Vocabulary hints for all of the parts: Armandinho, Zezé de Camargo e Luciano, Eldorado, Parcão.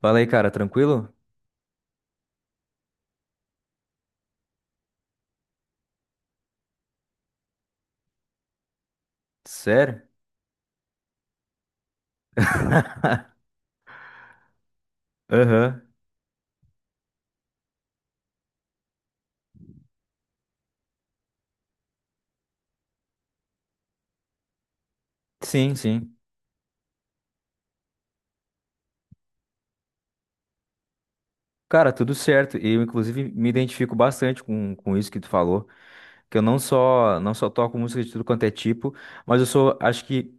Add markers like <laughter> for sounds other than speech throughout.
Fala aí, cara, tranquilo? Sério? <laughs> Aham. Sim, sim. Cara, tudo certo. Eu, inclusive, me identifico bastante com isso que tu falou. Que eu não só toco música de tudo quanto é tipo, mas eu sou, acho que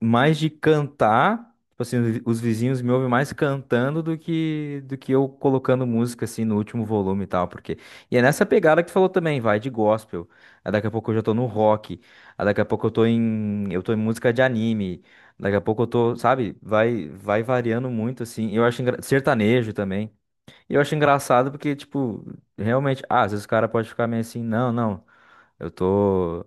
mais de cantar, tipo assim, os vizinhos me ouvem mais cantando do que eu colocando música assim no último volume e tal, porque e é nessa pegada que tu falou também, vai de gospel. Aí daqui a pouco eu já tô no rock, aí daqui a pouco eu tô em música de anime. Daqui a pouco eu tô, sabe? Vai variando muito assim. Eu acho sertanejo também. E eu acho engraçado porque tipo, realmente, ah, às vezes o cara pode ficar meio assim, não, não. Eu tô.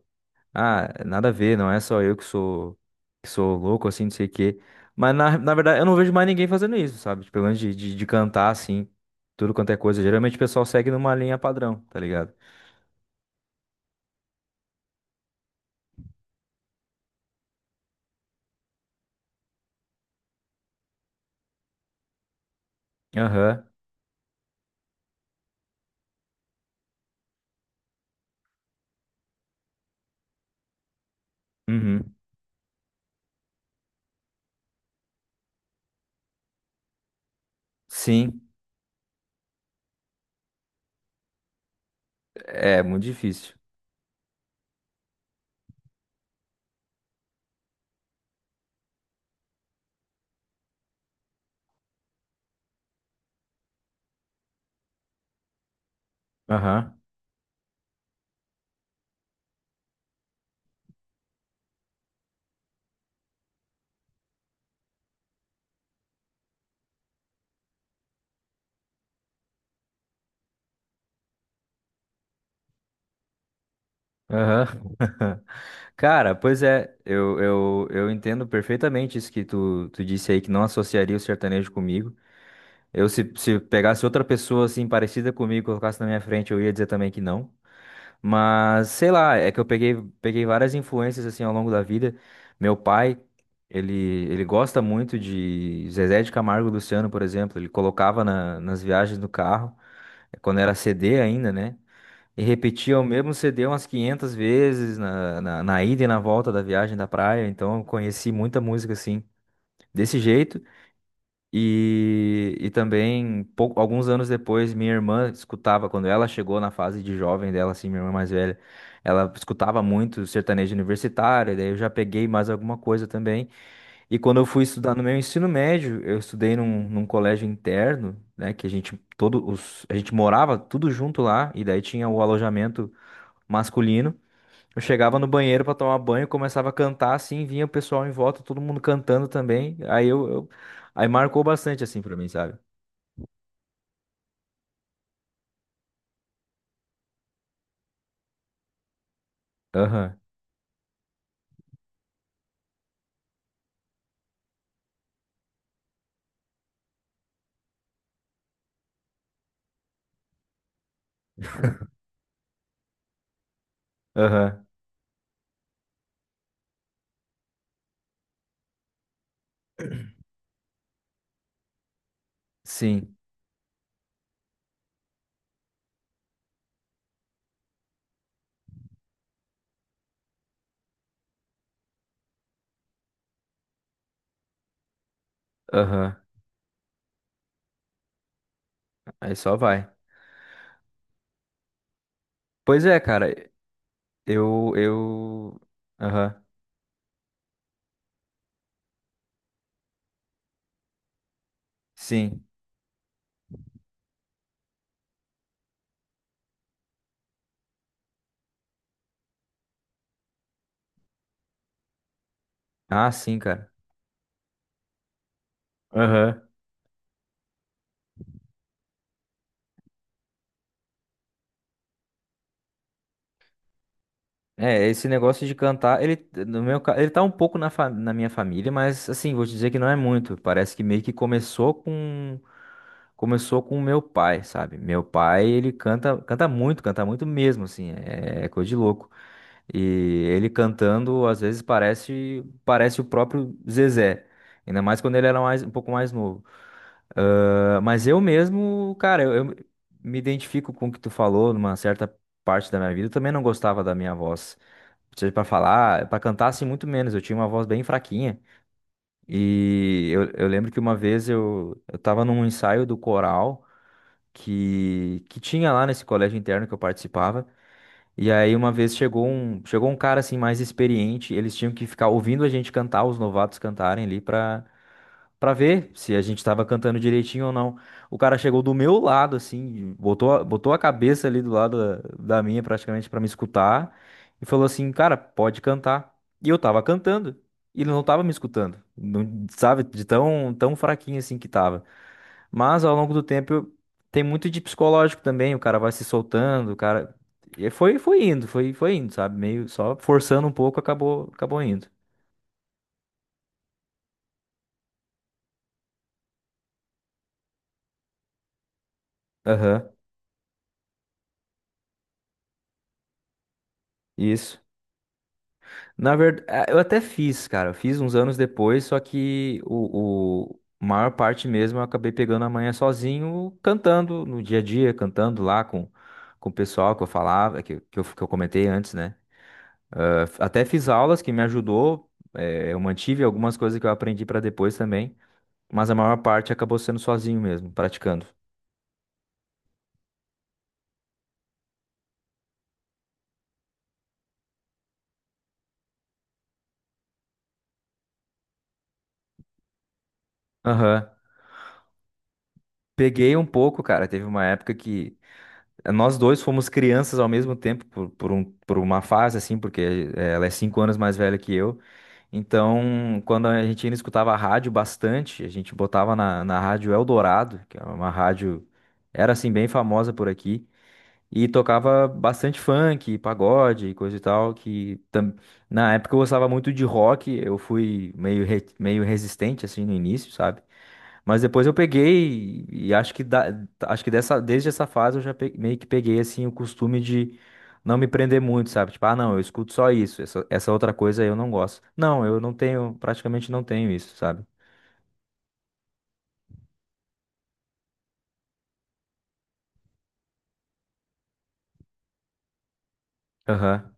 Ah, nada a ver, não é só eu que sou louco, assim, não sei o quê. Mas na verdade eu não vejo mais ninguém fazendo isso, sabe? Tipo, pelo menos de cantar, assim, tudo quanto é coisa. Geralmente o pessoal segue numa linha padrão, tá ligado? Aham. Uhum. Sim. É muito difícil. Aham. Aham. <laughs> Cara, pois é, eu entendo perfeitamente isso que tu disse aí, que não associaria o sertanejo comigo. Eu, se pegasse outra pessoa assim parecida comigo, colocasse na minha frente, eu ia dizer também que não. Mas sei lá, é que eu peguei várias influências assim ao longo da vida. Meu pai, ele, ele gosta muito de Zezé de Camargo e Luciano, por exemplo. Ele colocava nas viagens do carro, quando era CD ainda, né? E repetia o mesmo CD umas 500 vezes na ida e na volta da viagem da praia. Então eu conheci muita música assim, desse jeito. E também, alguns anos depois, minha irmã escutava, quando ela chegou na fase de jovem dela, assim, minha irmã mais velha, ela escutava muito sertanejo universitário, daí eu já peguei mais alguma coisa também. E quando eu fui estudar no meu ensino médio, eu estudei num colégio interno, né, que a gente morava tudo junto lá, e daí tinha o alojamento masculino. Eu chegava no banheiro pra tomar banho, começava a cantar assim, vinha o pessoal em volta, todo mundo cantando também. Aí marcou bastante assim pra mim, sabe? Aham. Aham. Sim. Aham. Aí só vai. Pois é, cara. Eu Aham. Sim. Ah, sim, cara. Aham. É, esse negócio de cantar, ele no meu, ca- ele tá um pouco na minha família, mas assim, vou te dizer que não é muito. Parece que meio que começou com o meu pai, sabe? Meu pai, ele canta, canta muito mesmo, assim, é coisa de louco. E ele cantando, às vezes parece o próprio Zezé, ainda mais quando ele era um pouco mais novo. Ah, mas eu mesmo, cara, eu me identifico com o que tu falou numa certa parte da minha vida. Eu também não gostava da minha voz, seja pra falar, pra cantar assim muito menos. Eu tinha uma voz bem fraquinha. E eu lembro que uma vez eu tava num ensaio do coral que tinha lá nesse colégio interno que eu participava. E aí uma vez chegou um cara assim mais experiente, eles tinham que ficar ouvindo a gente cantar, os novatos cantarem ali pra ver se a gente tava cantando direitinho ou não. O cara chegou do meu lado, assim, botou a cabeça ali do lado da minha, praticamente, pra me escutar, e falou assim, cara, pode cantar. E eu tava cantando, e ele não tava me escutando, não, sabe, de tão, tão fraquinho assim que tava. Mas ao longo do tempo, tem muito de psicológico também, o cara vai se soltando, o cara. E foi indo, foi indo, sabe? Meio só forçando um pouco, acabou indo. Aham. Isso. Na verdade, eu até fiz, cara. Eu fiz uns anos depois, só que o maior parte mesmo eu acabei pegando a manhã sozinho, cantando no dia a dia, cantando lá com o pessoal que eu falava, que eu comentei antes, né? Até fiz aulas que me ajudou, eu mantive algumas coisas que eu aprendi pra depois também, mas a maior parte acabou sendo sozinho mesmo, praticando. Aham. Peguei um pouco, cara. Teve uma época que nós dois fomos crianças ao mesmo tempo por uma fase, assim, porque ela é 5 anos mais velha que eu. Então, quando a gente ainda escutava a rádio bastante, a gente botava na rádio Eldorado, que é uma rádio, era assim, bem famosa por aqui. E tocava bastante funk, pagode, e coisa e tal, na época eu gostava muito de rock, eu fui meio resistente assim no início, sabe? Mas depois eu peguei e acho que dessa desde essa fase eu já meio que peguei assim o costume de não me prender muito, sabe? Tipo, ah, não, eu escuto só isso, essa outra coisa eu não gosto. Não, eu não tenho, praticamente não tenho isso, sabe? Aham.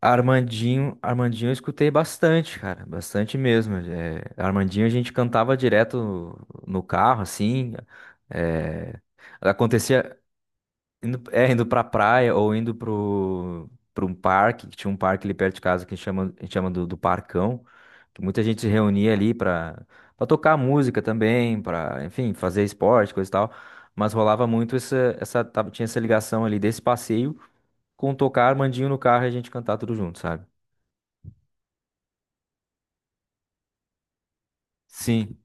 Armandinho, Armandinho eu escutei bastante, cara, bastante mesmo. É, Armandinho a gente cantava direto no carro, assim. É, acontecia indo, é, indo pra praia ou indo pro um parque, que tinha um parque ali perto de casa que chama, a gente chama do Parcão, que muita gente se reunia ali pra tocar música também, pra, enfim, fazer esporte, coisa e tal. Mas rolava muito tinha essa ligação ali desse passeio com tocar Armandinho no carro e a gente cantar tudo junto, sabe? Sim.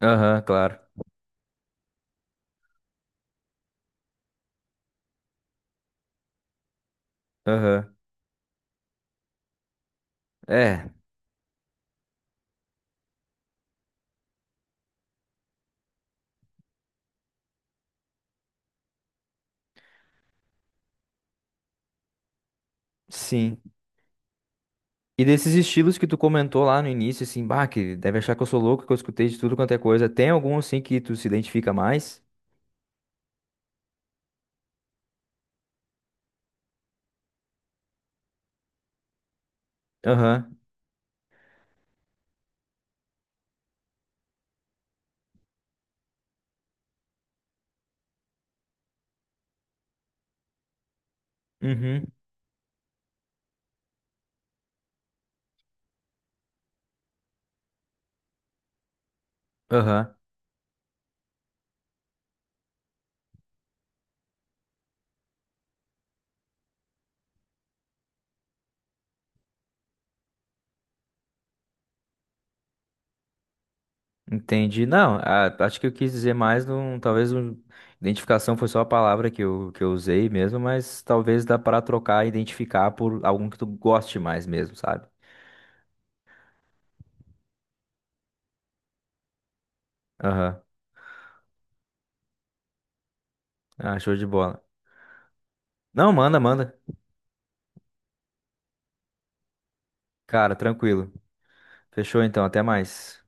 Aham, claro. Aham. É, sim. E desses estilos que tu comentou lá no início, assim, bah, que deve achar que eu sou louco, que eu escutei de tudo quanto é coisa. Tem algum, assim, que tu se identifica mais? Aham. Uhum. Aham. Entendi. Não, acho que eu quis dizer mais, identificação foi só a palavra que eu usei mesmo, mas talvez dá pra trocar, identificar por algum que tu goste mais mesmo, sabe? Aham. Ah, show de bola. Não, manda, manda. Cara, tranquilo. Fechou então, até mais.